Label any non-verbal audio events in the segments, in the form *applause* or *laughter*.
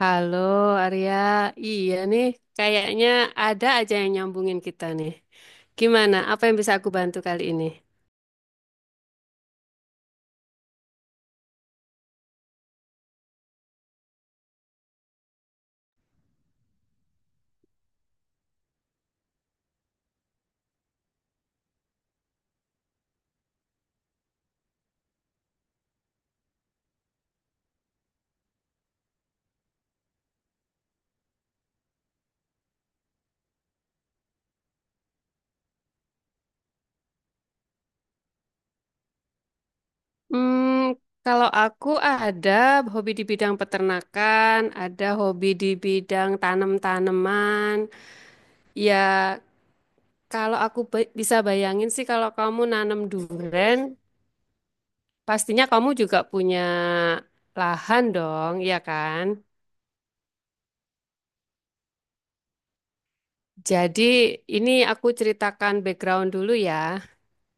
Halo Arya, iya nih, kayaknya ada aja yang nyambungin kita nih. Gimana? Apa yang bisa aku bantu kali ini? Hmm, Kalau aku ada hobi di bidang peternakan, ada hobi di bidang tanam-tanaman. Ya, kalau aku bisa bayangin sih kalau kamu nanam durian, pastinya kamu juga punya lahan dong, ya kan? Jadi ini aku ceritakan background dulu ya.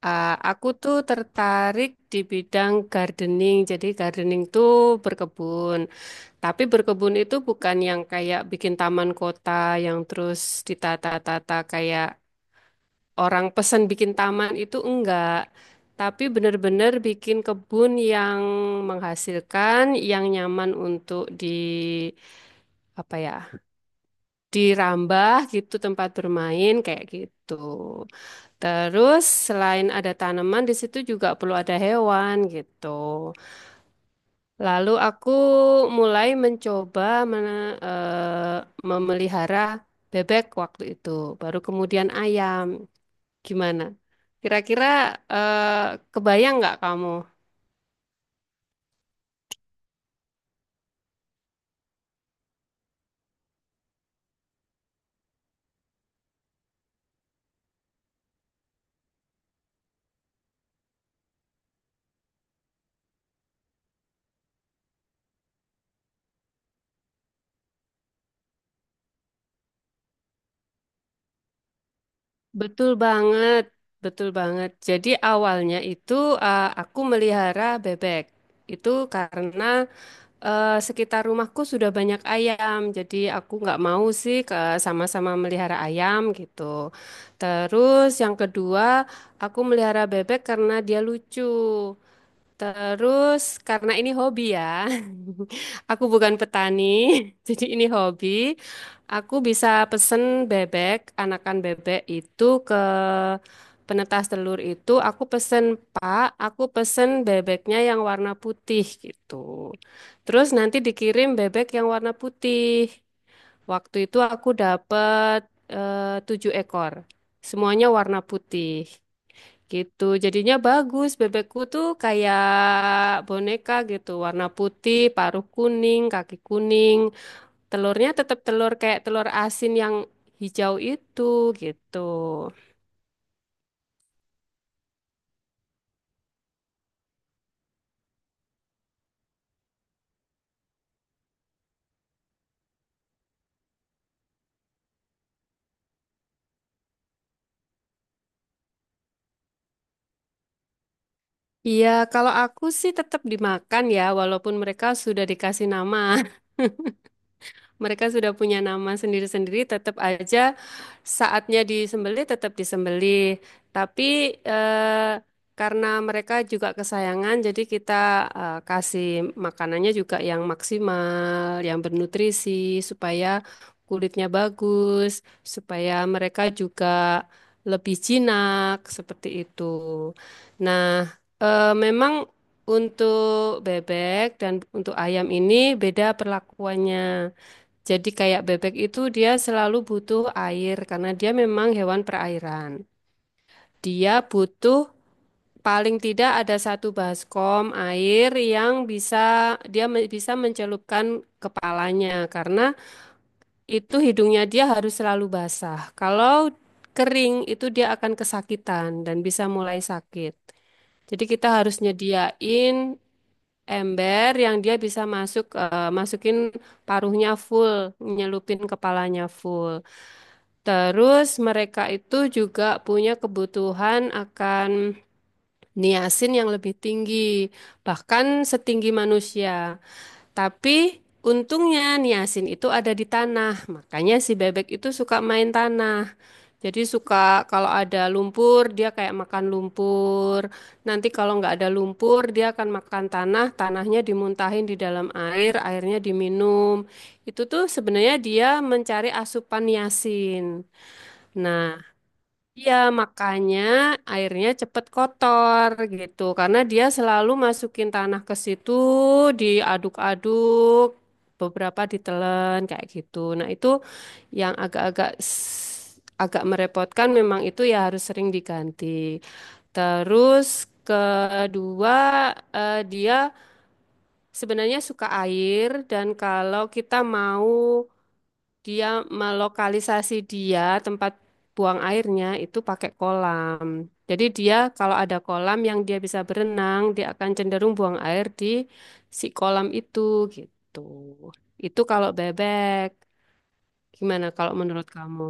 Ah, aku tuh tertarik di bidang gardening. Jadi gardening tuh berkebun. Tapi berkebun itu bukan yang kayak bikin taman kota yang terus ditata-tata kayak orang pesan bikin taman itu, enggak. Tapi benar-benar bikin kebun yang menghasilkan, yang nyaman untuk di, apa ya, dirambah gitu, tempat bermain kayak gitu. Terus selain ada tanaman di situ juga perlu ada hewan gitu. Lalu aku mulai mencoba mena- eh, memelihara bebek waktu itu, baru kemudian ayam. Gimana? Kira-kira eh, kebayang nggak kamu? Betul banget, betul banget. Jadi awalnya itu aku melihara bebek. Itu karena sekitar rumahku sudah banyak ayam, jadi aku nggak mau sih ke sama-sama melihara ayam gitu. Terus yang kedua, aku melihara bebek karena dia lucu. Terus karena ini hobi ya, *laughs* aku bukan petani, *laughs* jadi ini hobi. Aku bisa pesen bebek, anakan bebek itu ke penetas telur itu. Aku pesen, "Pak, aku pesen bebeknya yang warna putih" gitu. Terus nanti dikirim bebek yang warna putih. Waktu itu aku dapat 7 ekor, semuanya warna putih. Gitu, jadinya bagus. Bebekku tuh kayak boneka gitu, warna putih, paruh kuning, kaki kuning. Telurnya tetap telur kayak telur asin yang hijau itu gitu. Iya, kalau aku sih tetap dimakan ya, walaupun mereka sudah dikasih nama. *laughs* Mereka sudah punya nama sendiri-sendiri, tetap aja saatnya disembelih, tetap disembelih. Tapi eh, karena mereka juga kesayangan, jadi kita kasih makanannya juga yang maksimal, yang bernutrisi, supaya kulitnya bagus, supaya mereka juga lebih jinak, seperti itu. Nah, memang untuk bebek dan untuk ayam ini beda perlakuannya. Jadi kayak bebek itu dia selalu butuh air karena dia memang hewan perairan. Dia butuh paling tidak ada satu baskom air yang bisa dia bisa mencelupkan kepalanya, karena itu hidungnya dia harus selalu basah. Kalau kering itu dia akan kesakitan dan bisa mulai sakit. Jadi kita harus nyediain ember yang dia bisa masukin paruhnya full, nyelupin kepalanya full. Terus mereka itu juga punya kebutuhan akan niasin yang lebih tinggi, bahkan setinggi manusia. Tapi untungnya niasin itu ada di tanah, makanya si bebek itu suka main tanah. Jadi suka kalau ada lumpur dia kayak makan lumpur. Nanti kalau nggak ada lumpur dia akan makan tanah, tanahnya dimuntahin di dalam air, airnya diminum. Itu tuh sebenarnya dia mencari asupan niasin. Nah, iya, makanya airnya cepet kotor gitu. Karena dia selalu masukin tanah ke situ, diaduk-aduk, beberapa ditelan kayak gitu. Nah, itu yang agak-agak agak merepotkan, memang itu ya harus sering diganti. Terus kedua, dia sebenarnya suka air, dan kalau kita mau dia melokalisasi dia tempat buang airnya itu pakai kolam. Jadi dia kalau ada kolam yang dia bisa berenang, dia akan cenderung buang air di si kolam itu gitu. Itu kalau bebek. Gimana kalau menurut kamu?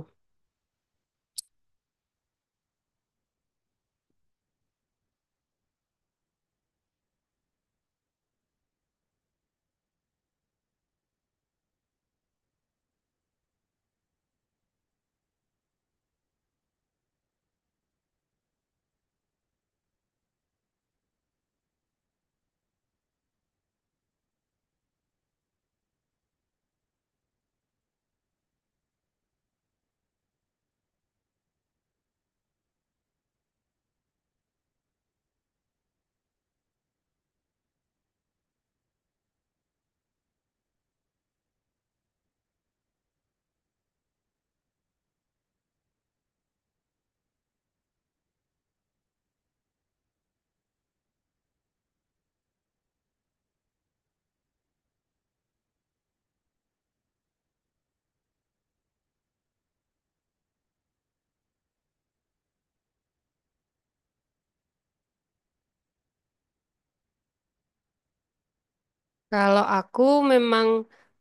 Kalau aku memang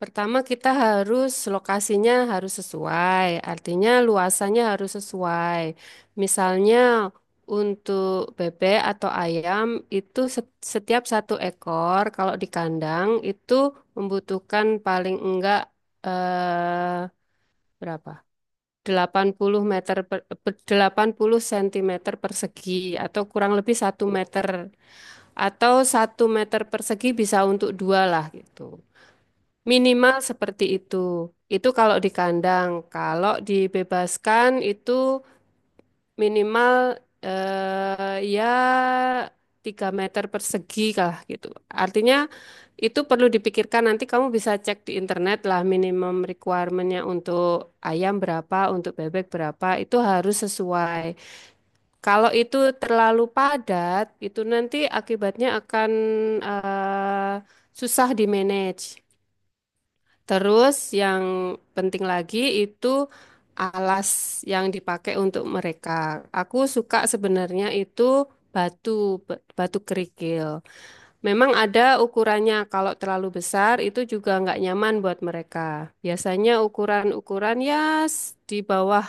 pertama kita harus lokasinya harus sesuai, artinya luasannya harus sesuai. Misalnya untuk bebek atau ayam itu setiap 1 ekor kalau di kandang itu membutuhkan paling enggak eh, berapa? Delapan puluh meter per, per- 80 cm persegi, atau kurang lebih 1 meter, atau 1 meter persegi bisa untuk dua lah gitu. Minimal seperti itu. Itu kalau di kandang. Kalau dibebaskan itu minimal ya 3 meter persegi lah gitu. Artinya itu perlu dipikirkan, nanti kamu bisa cek di internet lah minimum requirement-nya untuk ayam berapa, untuk bebek berapa, itu harus sesuai. Kalau itu terlalu padat, itu nanti akibatnya akan eh, susah di manage. Terus yang penting lagi itu alas yang dipakai untuk mereka. Aku suka sebenarnya itu batu batu kerikil. Memang ada ukurannya. Kalau terlalu besar itu juga nggak nyaman buat mereka. Biasanya ukuran-ukuran ya di bawah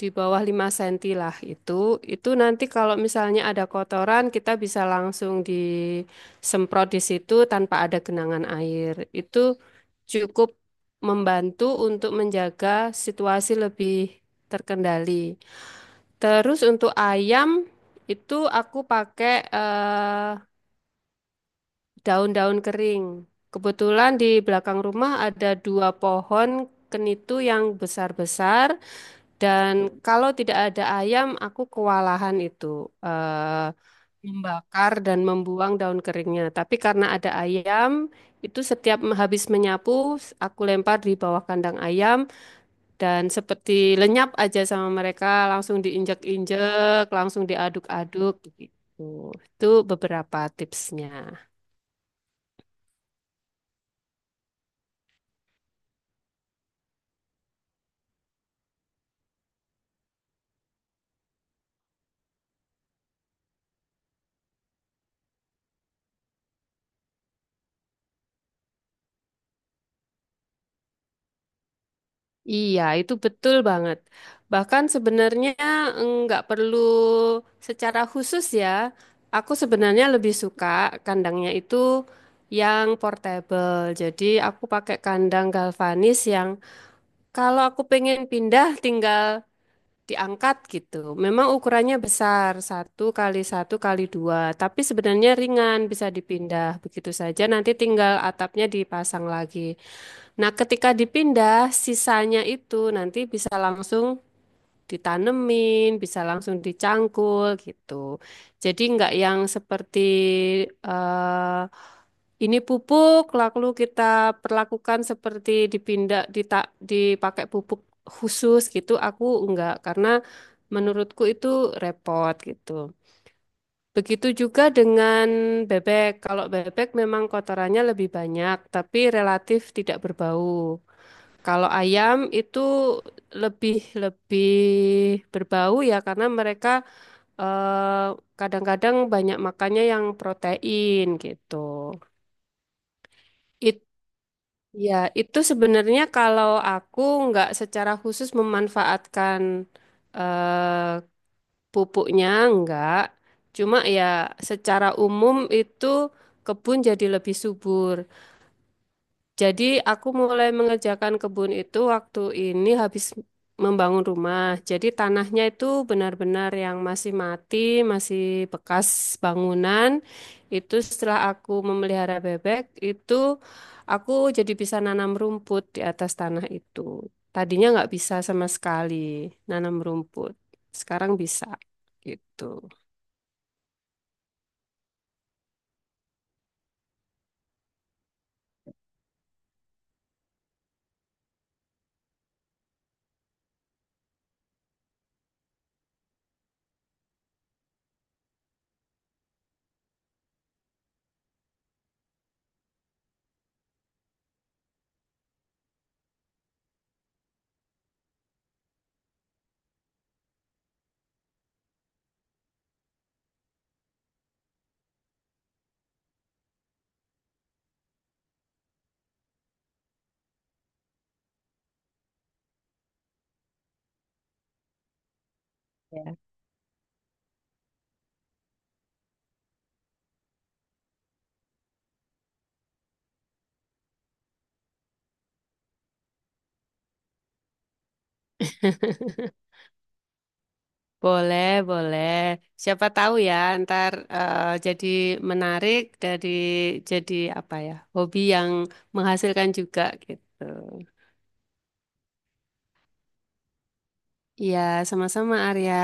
di bawah 5 senti lah itu. Itu nanti kalau misalnya ada kotoran kita bisa langsung disemprot di situ tanpa ada genangan air. Itu cukup membantu untuk menjaga situasi lebih terkendali. Terus untuk ayam itu aku pakai daun-daun kering. Kebetulan di belakang rumah ada 2 pohon kenitu yang besar-besar. Dan kalau tidak ada ayam, aku kewalahan itu eh, membakar dan membuang daun keringnya. Tapi karena ada ayam, itu setiap habis menyapu, aku lempar di bawah kandang ayam, dan seperti lenyap aja sama mereka, langsung diinjak-injek, langsung diaduk-aduk gitu. Itu beberapa tipsnya. Iya, itu betul banget. Bahkan sebenarnya nggak perlu secara khusus ya. Aku sebenarnya lebih suka kandangnya itu yang portable. Jadi aku pakai kandang galvanis yang kalau aku pengen pindah tinggal diangkat gitu. Memang ukurannya besar, satu kali dua, tapi sebenarnya ringan, bisa dipindah begitu saja. Nanti tinggal atapnya dipasang lagi. Nah, ketika dipindah, sisanya itu nanti bisa langsung ditanemin, bisa langsung dicangkul gitu. Jadi nggak yang seperti eh, ini pupuk, lalu kita perlakukan seperti dipindah, dipakai pupuk khusus gitu. Aku enggak, karena menurutku itu repot gitu. Begitu juga dengan bebek. Kalau bebek memang kotorannya lebih banyak, tapi relatif tidak berbau. Kalau ayam itu lebih lebih berbau ya, karena mereka eh, kadang-kadang banyak makannya yang protein gitu. Ya, itu sebenarnya kalau aku nggak secara khusus memanfaatkan eh, pupuknya, nggak. Cuma ya secara umum itu kebun jadi lebih subur. Jadi aku mulai mengerjakan kebun itu waktu ini habis membangun rumah. Jadi tanahnya itu benar-benar yang masih mati, masih bekas bangunan. Itu setelah aku memelihara bebek, itu aku jadi bisa nanam rumput di atas tanah itu. Tadinya nggak bisa sama sekali nanam rumput. Sekarang bisa gitu. Boleh, boleh. Siapa tahu ya, ntar jadi menarik dari jadi apa ya, hobi yang menghasilkan juga gitu. Iya, sama-sama Arya.